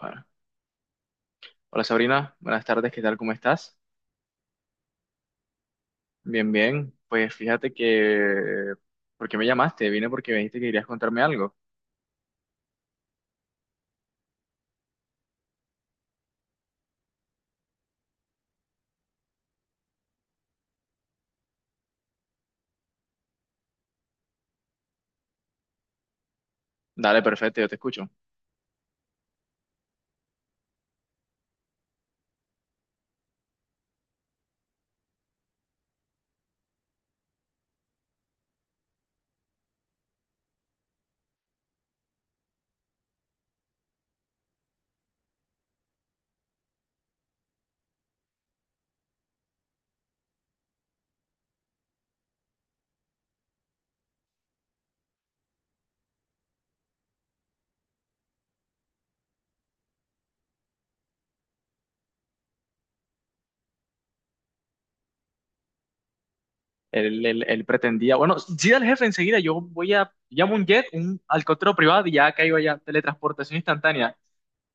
Bueno, hola Sabrina, buenas tardes, ¿qué tal? ¿Cómo estás? Bien, bien. Pues fíjate que... ¿Por qué me llamaste? Vine porque me dijiste que querías contarme algo. Dale, perfecto, yo te escucho. Él pretendía... Bueno, sí, al jefe enseguida, yo voy a... Llamo un jet, un helicóptero privado y ya caigo allá. Teletransportación instantánea.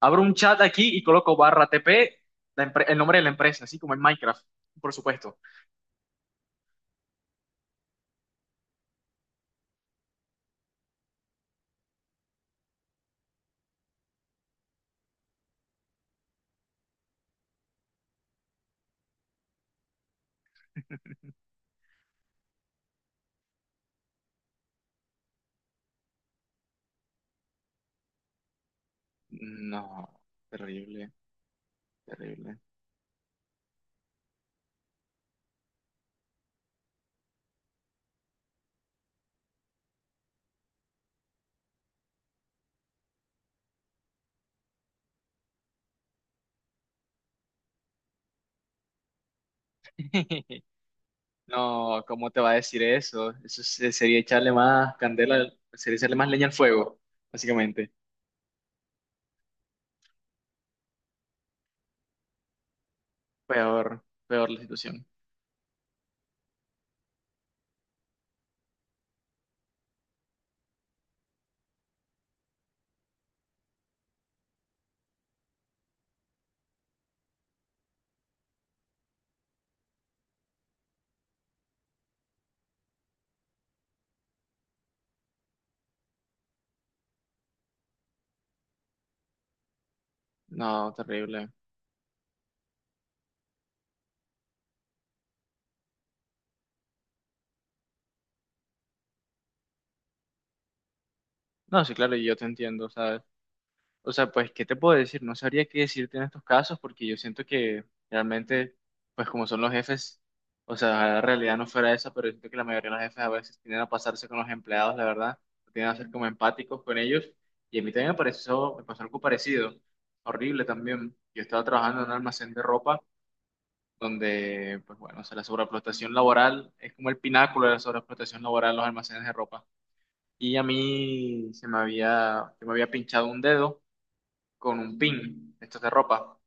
Abro un chat aquí y coloco barra TP, el nombre de la empresa, así como en Minecraft, por supuesto. No, terrible, terrible. No, ¿cómo te va a decir eso? Sería echarle más candela, sería echarle más leña al fuego, básicamente. Peor, peor la situación. No, terrible. No, sí, claro, yo te entiendo. O sea, pues, ¿qué te puedo decir? No sabría qué decirte en estos casos porque yo siento que realmente, pues como son los jefes, o sea, la realidad no fuera esa, pero yo siento que la mayoría de los jefes a veces tienden a pasarse con los empleados, la verdad, tienden a ser como empáticos con ellos. Y a mí también me pareció, me pasó algo parecido, horrible también. Yo estaba trabajando en un almacén de ropa donde, pues bueno, o sea, la sobreexplotación laboral es como el pináculo de la sobreexplotación laboral en los almacenes de ropa. Y a mí se me había pinchado un dedo con un pin, estos de ropa.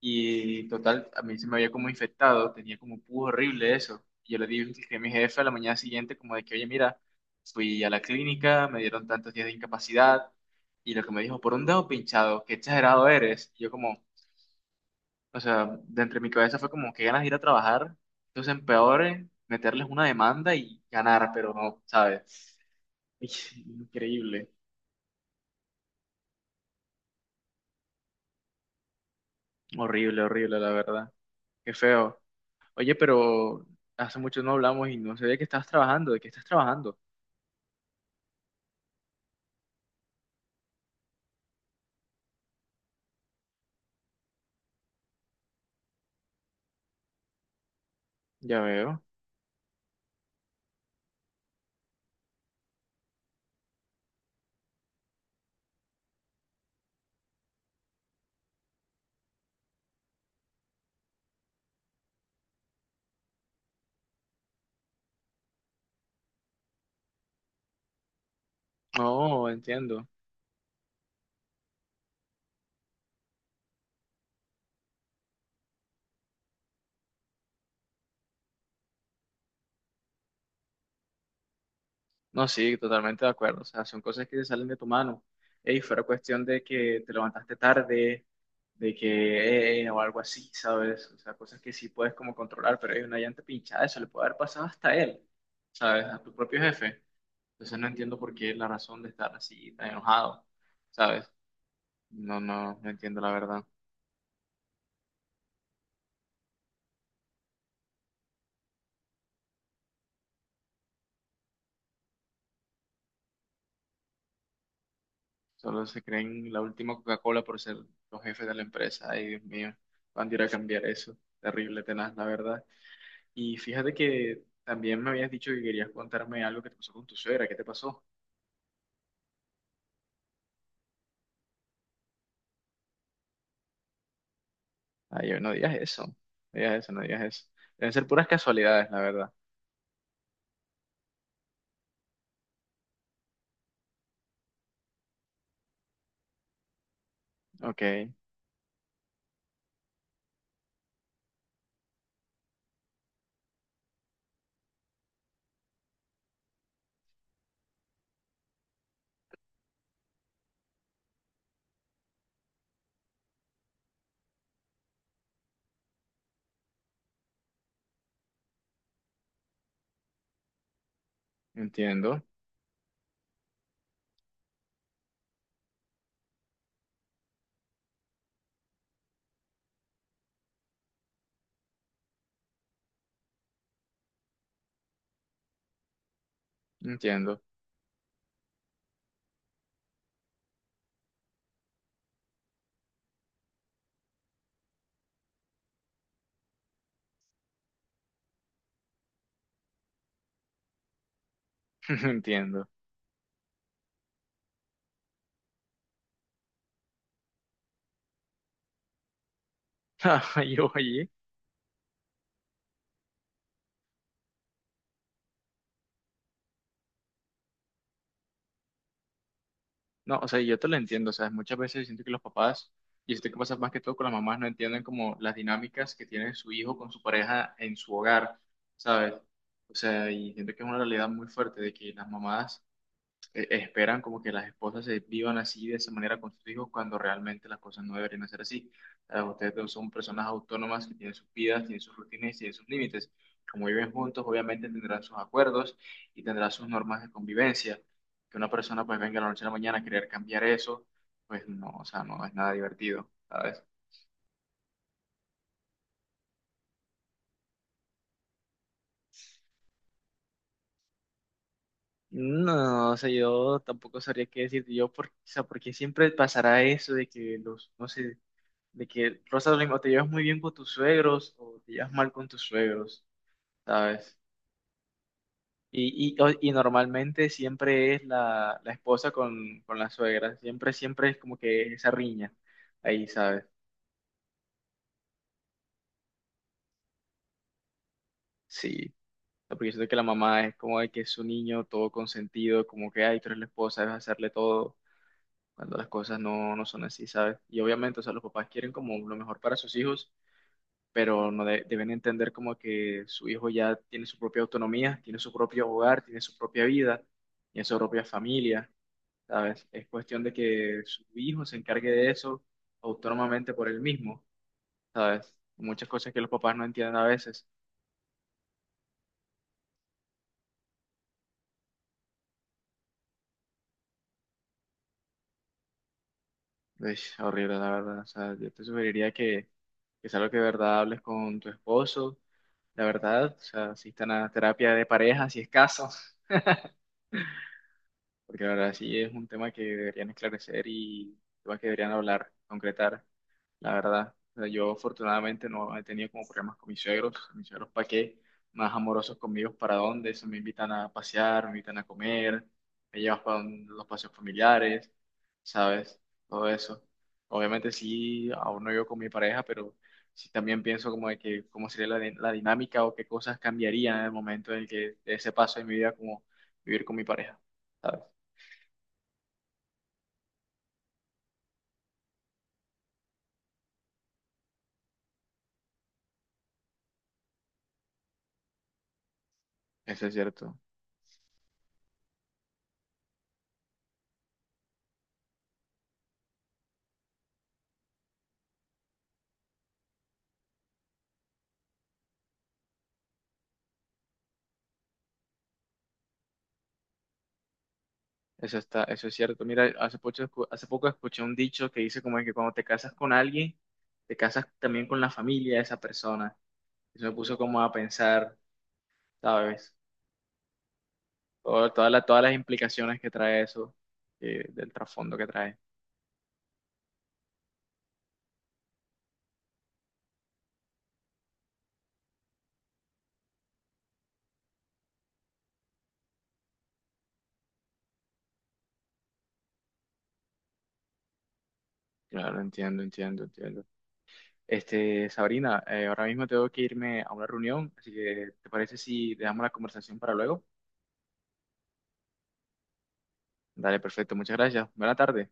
Y total, a mí se me había como infectado, tenía como un pus horrible eso. Y yo le dije a mi jefe a la mañana siguiente como de que, oye, mira, fui a la clínica, me dieron tantos días de incapacidad y lo que me dijo, por un dedo pinchado, qué exagerado eres. Y yo como, o sea, de entre mi cabeza fue como, qué ganas de ir a trabajar. Entonces, empeore meterles una demanda y ganar, pero no, ¿sabes? Increíble, horrible, horrible, la verdad. Qué feo. Oye, pero hace mucho no hablamos y no sé de qué estás trabajando, de qué estás trabajando. Ya veo. No, entiendo. No, sí, totalmente de acuerdo. O sea, son cosas que te salen de tu mano. Ey, fuera cuestión de que te levantaste tarde, de que, o algo así, ¿sabes? O sea, cosas que sí puedes como controlar, pero hay una llanta pinchada, eso le puede haber pasado hasta a él, ¿sabes? A tu propio jefe. Entonces no entiendo por qué la razón de estar así tan enojado, ¿sabes? No, no entiendo la verdad. Solo se creen la última Coca-Cola por ser los jefes de la empresa. Ay, Dios mío, van a ir a cambiar eso. Terrible, tenaz, la verdad. Y fíjate que también me habías dicho que querías contarme algo que te pasó con tu suegra. ¿Qué te pasó? Ay, no digas eso. No digas eso, no digas eso. Deben ser puras casualidades, la verdad. Ok, entiendo, entiendo, entiendo. Ay, oye. No, o sea, yo te lo entiendo, o sea, muchas veces siento que los papás, y esto que pasa más que todo con las mamás, no entienden como las dinámicas que tiene su hijo con su pareja en su hogar, ¿sabes? O sea, y siento que es una realidad muy fuerte de que las mamás esperan como que las esposas se vivan así de esa manera con sus hijos cuando realmente las cosas no deberían ser así. Ah, ustedes dos son personas autónomas que tienen sus vidas, tienen sus rutinas y tienen sus límites. Como viven juntos, obviamente tendrán sus acuerdos y tendrán sus normas de convivencia. Que una persona pues venga de la noche a la mañana a querer cambiar eso, pues no, o sea, no es nada divertido, ¿sabes? No, o sea, yo tampoco sabría qué decirte yo, por, o sea, porque siempre pasará eso de que los, no sé, de que Rosalind o te llevas muy bien con tus suegros o te llevas mal con tus suegros, ¿sabes? Y normalmente siempre es la esposa con la suegra, siempre, siempre es como que esa riña ahí, ¿sabes? Sí, porque yo siento que la mamá es como de que es su niño todo consentido, como que, ay, tú eres la esposa, debes hacerle todo, cuando las cosas no son así, ¿sabes? Y obviamente, o sea, los papás quieren como lo mejor para sus hijos pero no de- deben entender como que su hijo ya tiene su propia autonomía, tiene su propio hogar, tiene su propia vida, tiene su propia familia, ¿sabes? Es cuestión de que su hijo se encargue de eso autónomamente por él mismo, ¿sabes? Muchas cosas que los papás no entienden a veces. Es horrible, la verdad. O sea, yo te sugeriría que es algo que de verdad hables con tu esposo, la verdad. O sea, asistan a terapia de pareja si es caso, porque la verdad sí es un tema que deberían esclarecer y un tema que deberían hablar, concretar, la verdad. O sea, yo afortunadamente no he tenido como problemas con mis suegros para qué, más amorosos conmigo, para dónde, se me invitan a pasear, me invitan a comer, me llevas para los paseos familiares, ¿sabes? Todo eso. Obviamente sí, aún no vivo con mi pareja, pero sí también pienso como de que cómo sería la dinámica o qué cosas cambiarían en el momento en el que de ese paso de mi vida como vivir con mi pareja. ¿Sabes? Eso es cierto, eso está, eso es cierto. Mira, hace poco, hace poco escuché un dicho que dice como que cuando te casas con alguien, te casas también con la familia de esa persona. Eso me puso como a pensar, ¿sabes? Todas las, todas las implicaciones que trae eso, del trasfondo que trae. Claro, entiendo, entiendo, entiendo. Este, Sabrina, ahora mismo tengo que irme a una reunión, así que ¿te parece si dejamos la conversación para luego? Dale, perfecto, muchas gracias. Buena tarde.